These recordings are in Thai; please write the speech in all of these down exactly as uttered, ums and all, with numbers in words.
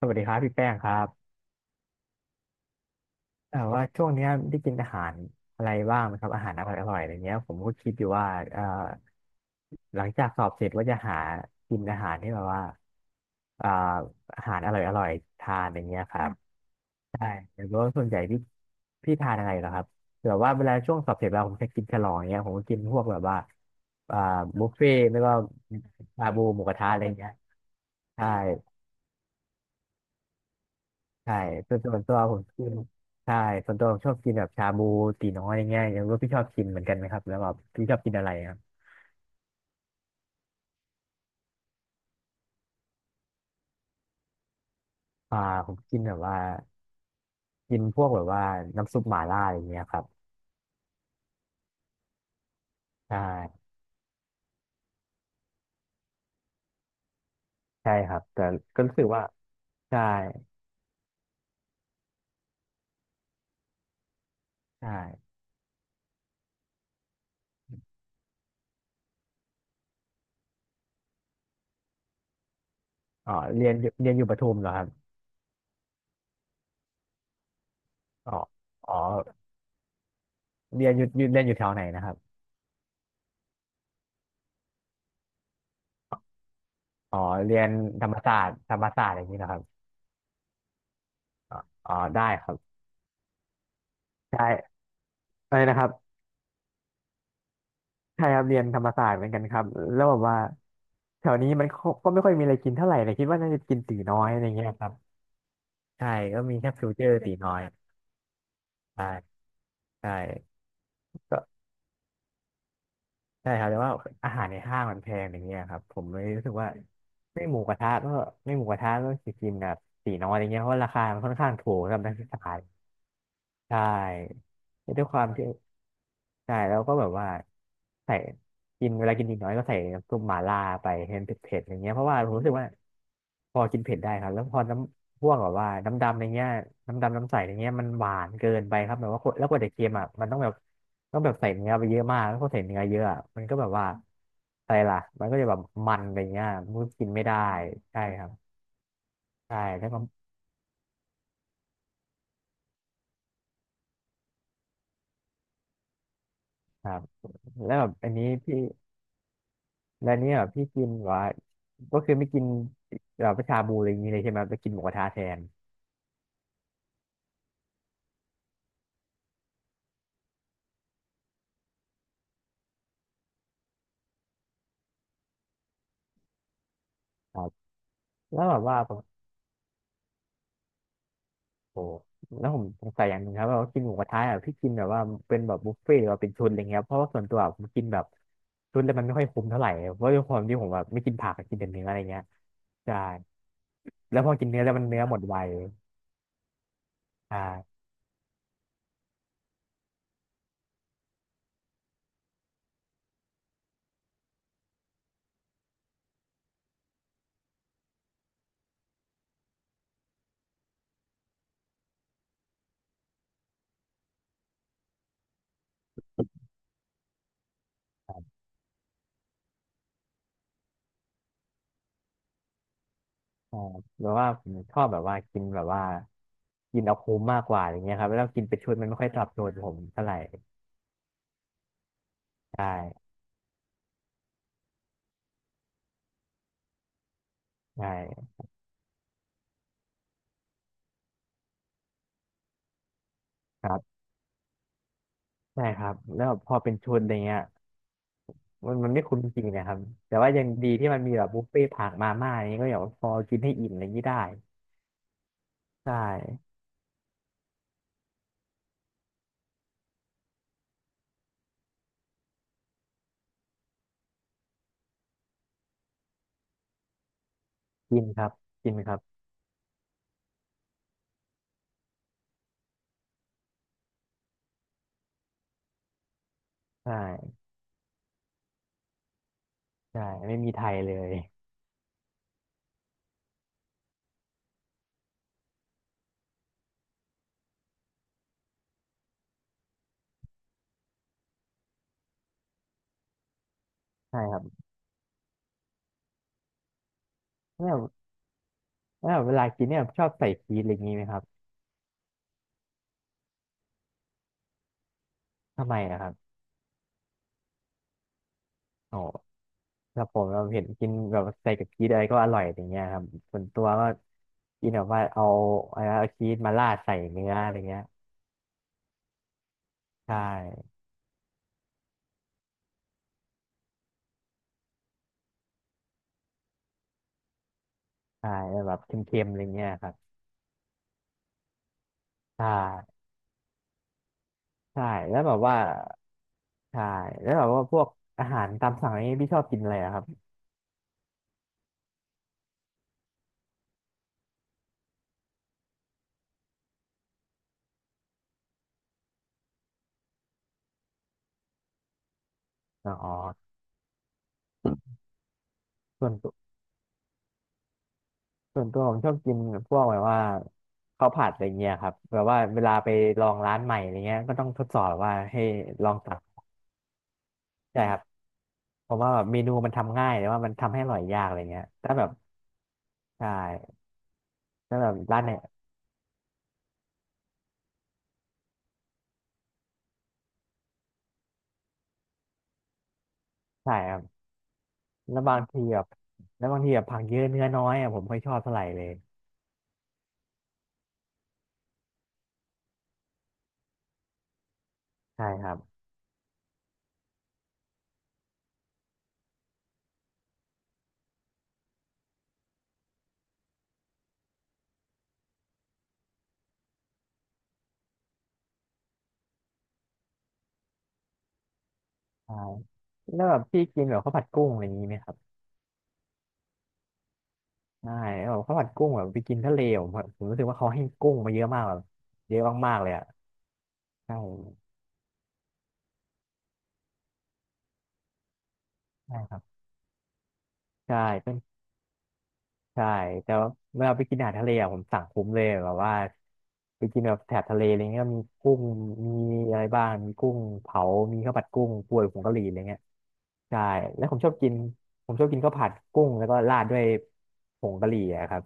สวัสดีครับพี่แป้งครับเอ่อว่าช่วงเนี้ยได้กินอาหารอะไรบ้างไหมครับอาหารอร่อยอร่อยอะไรเงี้ยผมก็คิดอยู่ว่าเอ่อหลังจากสอบเสร็จว่าจะหากินอาหารที่แบบว่าเอ่ออาหารอร่อยอร่อยทานอะไรเงี้ยครับใช่แต่ว่าส่วนใหญ่พี่พี่ทานอะไรเหรอครับแบบว่าเวลาช่วงสอบเสร็จเราผมจะกินฉลองเงี้ยผมก็กินพวกแบบว่าเอ่อบุฟเฟ่ต์ไม่ก็ชาบูหมูกระทะอะไรเงี้ยใช่ ใช่ส่วนส่วนตัวผมกินใช่ส่วนตัวผมชอบกินแบบชาบูตีน้อยอย่างเงี้ยอย่างว่าพี่ชอบกินเหมือนกันไหมครับแล้วแบบพี่ชอบกินอะไรครับอ่าผมกินแบบว่ากินพวกแบบว่าน้ำซุปหม่าล่าอย่างเงี้ยครับใช่ใช่ครับแต่ก็รู้สึกว่าใช่ใช่อ๋อเรียนอยู่เรียนอยู่ปทุมเหรอครับอ๋ออ๋อเรียนอยู่อยู่เรียนอยู่แถวไหนนะครับอ๋อเรียนธรรมศาสตร์ธรรมศาสตร์อย่างนี้นะครับอ๋อได้ครับใช่อะไรนะครับ ใช่ครับเรียนธรรมศาสตร์เหมือนกันครับแล้วแบบว่าแถวนี้มันก็ก็ไม่ค่อยมีอะไรกินเท่าไหร่เลยคิดว่าน่าจะกินตีน้อยอะไรเงี้ยครับใช่ก็มีแค่ฟิวเจอร์ตีน้อยใช่ใช่ก็ใช่ครับแต่ว่าอาหารในห้างมันแพงอย่างเงี้ยครับผมเลยรู้สึกว่าไม่หมูกระทะก็ไม่หมูกระทะก็จะกินแบบตีน้อยอะไรเงี้ยเพราะราคามันค่อนข้างถูกสำหรับนักศึกษา ใช่ด้วยความที่ใช่แล้วก็แบบว่าใส่กินเวลากินนิดน้อยก็ใส่น้ำซุปหม่าล่าไปให้มันเผ็ดๆอย่างเงี้ยเพราะว่าผมรู้สึกว่าพอกินเผ็ดได้ครับแล้วพอน้ำพวกแบบว่าน้ำดำอะไรเงี้ยน้ำดำน้ำใสอะไรเงี้ยมันหวานเกินไปครับแบบว่าคนแล้วกว่าจะเค็มอ่ะมันต้องแบบต้องแบบใส่เนื้อไปเยอะมากแล้วพอใส่เนื้อเยอะอะมันก็แบบว่าอะไรล่ะมันก็จะแบบมันอะไรเงี้ยมันก็กินไม่ได้ใช่ครับใช่แล้วก็ครับแล้วแบบอันนี้พี่ แล้วเนี่ยพี่กินว่าก็คือไม่กินแบบชาบูอะไรอย่างนี้เลยใช่ไหมไปกินหมูกระทะแทนครับแล้วแบบว่าผมโอ้แล้วผมสงสัยอย่างหนึงครับว่ากินหมูกระทะอ่ะพี่กินแบบว่าเป็นแบบบุฟเฟ่ต์หรือว่าเป็นชุดอะไรเงี้ยเพราะว่าส่วนตัวผมกินแบบชุดแล้วมันไม่ค่อยคุ้มเท่าไหร่เพราะด้วยความที่ผมแบบไม่กินผักกินแต่เนื้ออะไรเงี้ยใช่แล้วพอกินเนื้อแล้วมันเนื้อหมดไวใช่ครับใช่แบบว่าผมชอบแบบว่ากินแบบว่ากินเอาคุ้มมากกว่าอย่างเงี้ยครับแล้วกินเป็นชุดมันไม่ค่อยตอบโจทย์ผมเท่าไหร่ใช่ ใช่ครับใช่ครับแล้วพอเป็นชุดอะไรเงี้ยมันมันไม่คุ้มจริงนะครับแต่ว่ายังดีที่มันมีแบบบุฟเฟ่ต์ผักมาม่าอย่างเงี้ยก็อย่างว่าพอกินให้อิ่มอะไรอย่างงี้ได้ใช่กินครับกินครับใช่ใช่ไม่มีไทยเลยใช่ครับแล้วแล้วเวลากินเนี่ยชอบใส่ชีสอะไรอย่างงี้ไหมครับทำไมนะครับโอ้ถ้าผมเราเห็นกินแบบใส่กับชีสอะไรก็อร่อยอย่างเงี้ยครับส่วนตัวก็กินแบบว่าเอาเอาชีสมาราดใส่เนื้ออะไรเงี้ยใช่ใช่แบบเค็มๆอะไรเงี้ยครับ ใช่ใช่แล้วแบบว่าใช่แล้วแบบว่าพวกอาหารตามสั่งอะไรนี้พี่ชอบกินอะไรอะครับอ๋อส่วนตัวส่วนตัวผมชอบกินพวกแบบว่าข้าวผัดอะไรเงี้ยครับแบบว่าเวลาไปลองร้านใหม่อะไรเงี้ยก็ต้องทดสอบว่าให้ลองตักใช่ครับเพราะว่าแบบเมนูมันทำง่ายแต่ว่ามันทำให้อร่อยยากอะไรเงี้ยถ้าแบบใช่ถ้าแบบร้านไหนใช่ครับแล้วบางทีแบบแล้วบางทีแบบผักเยอะเนื้อน้อยอะผมไม่ค่อยชอบเท่าไหร่เลยใช่ครับใช่แล้วแบบพี่กินแบบข้าวผัดกุ้งอะไรอย่างนี้ไหมครับ ใช่แบบข้าวผัดกุ้งแบบไปกินทะเลผมผมรู้สึกว่าเขาให้กุ้งมาเยอะมากแบบเยอะมากๆเลยอ่ะใช่ใช่ครับใช่เป็นใช่แต่ว่าเวลาไปกินอาหารทะเลอะผมสั่งคุ้มเลยแบบว่าไปกินแบบแถบทะเลอะไรเงี้ยมีกุ้งมีอะไรบ้างมีกุ้งเผามีข้าวผัดกุ้งป่วยผงกะหรี่อะไรเงี้ยใช่แล้วผมชอบกินผมชอบกินข้าวผัดกุ้งแล้วก็ราดด้วยผงกะหรี่อะครับ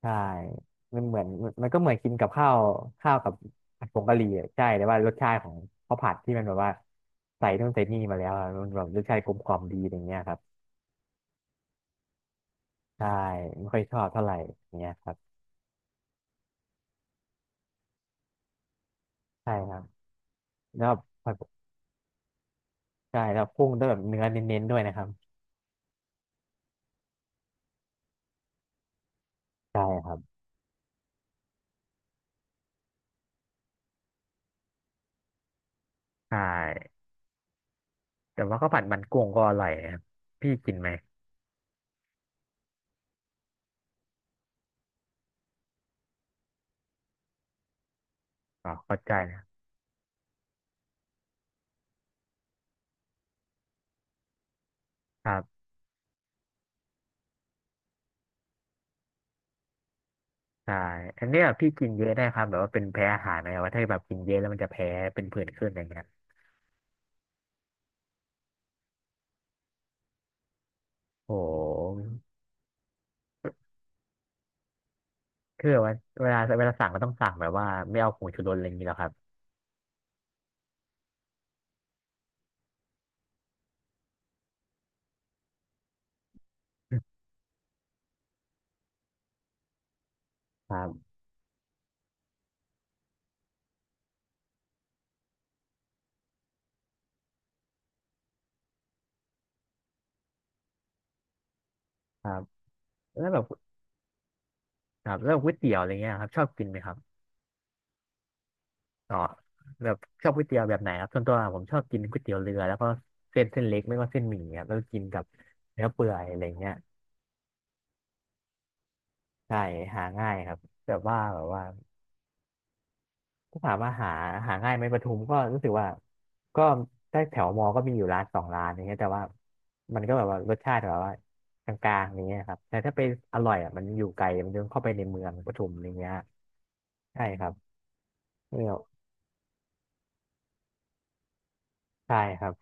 ใช่มันเหมือนมันก็เหมือนกินกับข้าวข้าวกับผัดผงกะหรี่อะใช่แต่ว่ารสชาติของข้าวผัดที่มันแบบว่าใส่นู่นใส่นี่มาแล้วอะมันแบบรสชาติกลมกล่อมดีอย่างเงี้ยครับใช่ไม่ค่อยชอบเท่าไหร่อย่างเงี้ยครับใช่ครับแล้วผัดใช่แล้วกุ้งต้องแบบเนื้อเน้นๆด้วยนะครับใช่ครับใช่แต่ว่าข้าวผัดมันกุ้งก็อร่อยนะครับพี่กินไหมอ๋อเข้าใจนะครับใช่อันเนี้ยพี่กินเยอะได้ครับแบบว่าเป็นแพ้อาหารไหมว่าถ้าแบบกินเยอะแล้วมันจะแพ้เป็นผื่นขึ้นอย่างเงี้ยโอ้ คือแบบว่าเวลาเวลาสั่งก็ต้องสั่งแบบว่าไม่เอาผงชูรสอะไรอย่างนี้หรอครับ ครับครับแล้วแบบครับแล้วก๋วยเตี๋ยวอะไรเงี้ยครับชอบกินไหมครับอ๋อแบบชอบก๋วยเตี๋ยวแบบไหนครับส่วนตัวผมชอบกินก๋วยเตี๋ยวเรือแล้วก็เส้นเส้นเล็กไม่ก็เส้นหมี่ครับแล้วก็กินกับเนื้อเปื่อยอะไรเงี้ยใช่หาง่ายครับแบบว่าแบบว่า ถ้าถามว่าหาหาง่ายไหมปทุมก็รู้สึกว่าก็ใต้แถวมอก็มีอยู่ร้านสองร้านอย่างเงี้ยแต่ว่ามันก็แบบว่ารสชาติแบบว่ากลางๆอย่างเงี้ยครับแต่ถ้าไปอร่อยอ่ะมันอยู่ไกลมันต้องเข้าไปในเมืองปทุมอย่างเงี้ยใช่ครับเนี่ยใช่ครับ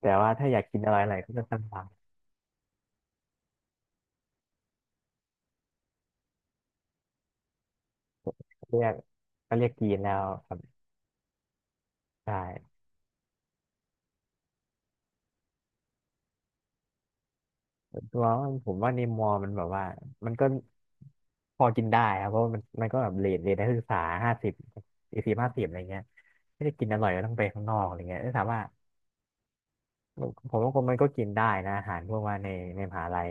แต่ว่าถ้าอยากกินอะไรอะไรก็จะสั่งมาเรียกก็เรียกกินแล้วครับใช่ ส่วนตัวผมว่าในมอร์มันแบบว่ามันก็พอกินได้ครับเพราะว่ามันมันก็แบบเรทเรทนักศึกษาห้าสิบสี่สิบห้าสิบอะไรเงี้ยไม่ได้กินอร่อยก็ต้องไปข้างนอกอะไรเงี้ยแต่ถามว่าผมว่าคนมันก็กินได้นะอาหารพวกว่าในในมหาลัย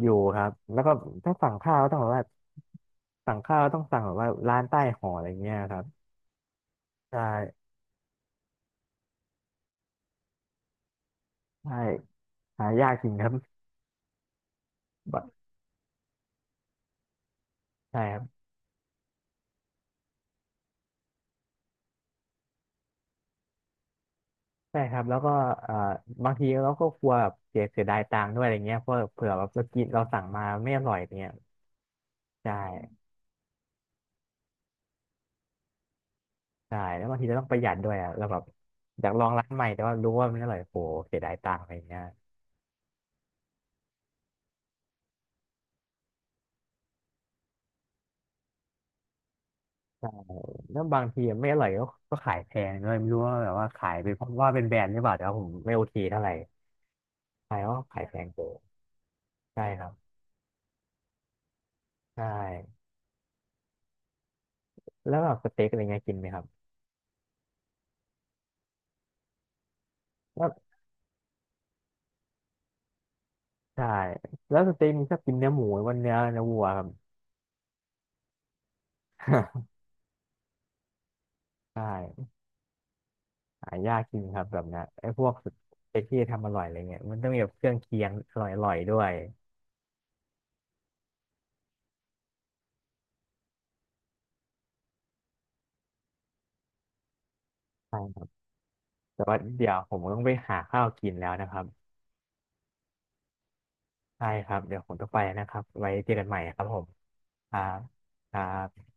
อยู่ครับแล้วก็ถ้าสั่งข้าวก็ต้องแบบว่าสั่งข้าวต้องสั่งแบบว่าร้านใต้หออะไรเงี้ยครับใช่ใช่หายากจริงครับ บะใช่ครับ ใช่ครับแล้วก็เอ่อบางทีเราก็กลัวแบบเสียเสียดายตังค์ด้วยอะไรเงี้ยเพราะเผื่อแบบเรากินเราสั่งมาไม่อร่อยเงี้ยใช่ใช่แล้วบางทีเราต้องประหยัดด้วยอ่ะเราแบบอยากลองร้านใหม่แต่ว่ารู้ว่ามันไม่อร่อยโหเสียดายตังค์อะไรเงี้ยใช่แล้วบางทีไม่อร่อยก็ก็ขายแพงด้วยไม่รู้ว่าแบบว่าขายไปเพราะว่าเป็นแบรนด์หรือเปล่าแต่ว่าผมไม่โอเคเท่าไหร่ใช่เพราะว่าขายแพงเกินใช่ครับใช่แล้วแบบสเต็กอะไรเงี้ยกินไหมครับแล้วใช่แล้วสเต็กมีชอบกินเนื้อหมูหรือว่าเนื้อเนื้อวัวครับ ใช่ หายากจริงครับแบบเนี้ยไอ้พวกสเปกที่ทำอร่อยอะไรเงี้ยมันต้องมีแบบเครื่องเคียงอร่อยๆด้วยใช่ครับแต่ว่าเดี๋ยวผมต้องไปหาข้าวกินแล้วนะครับใช่ครับเดี๋ยวผมต้องไปนะครับไว้เจอกันใหม่ครับผมครับครับ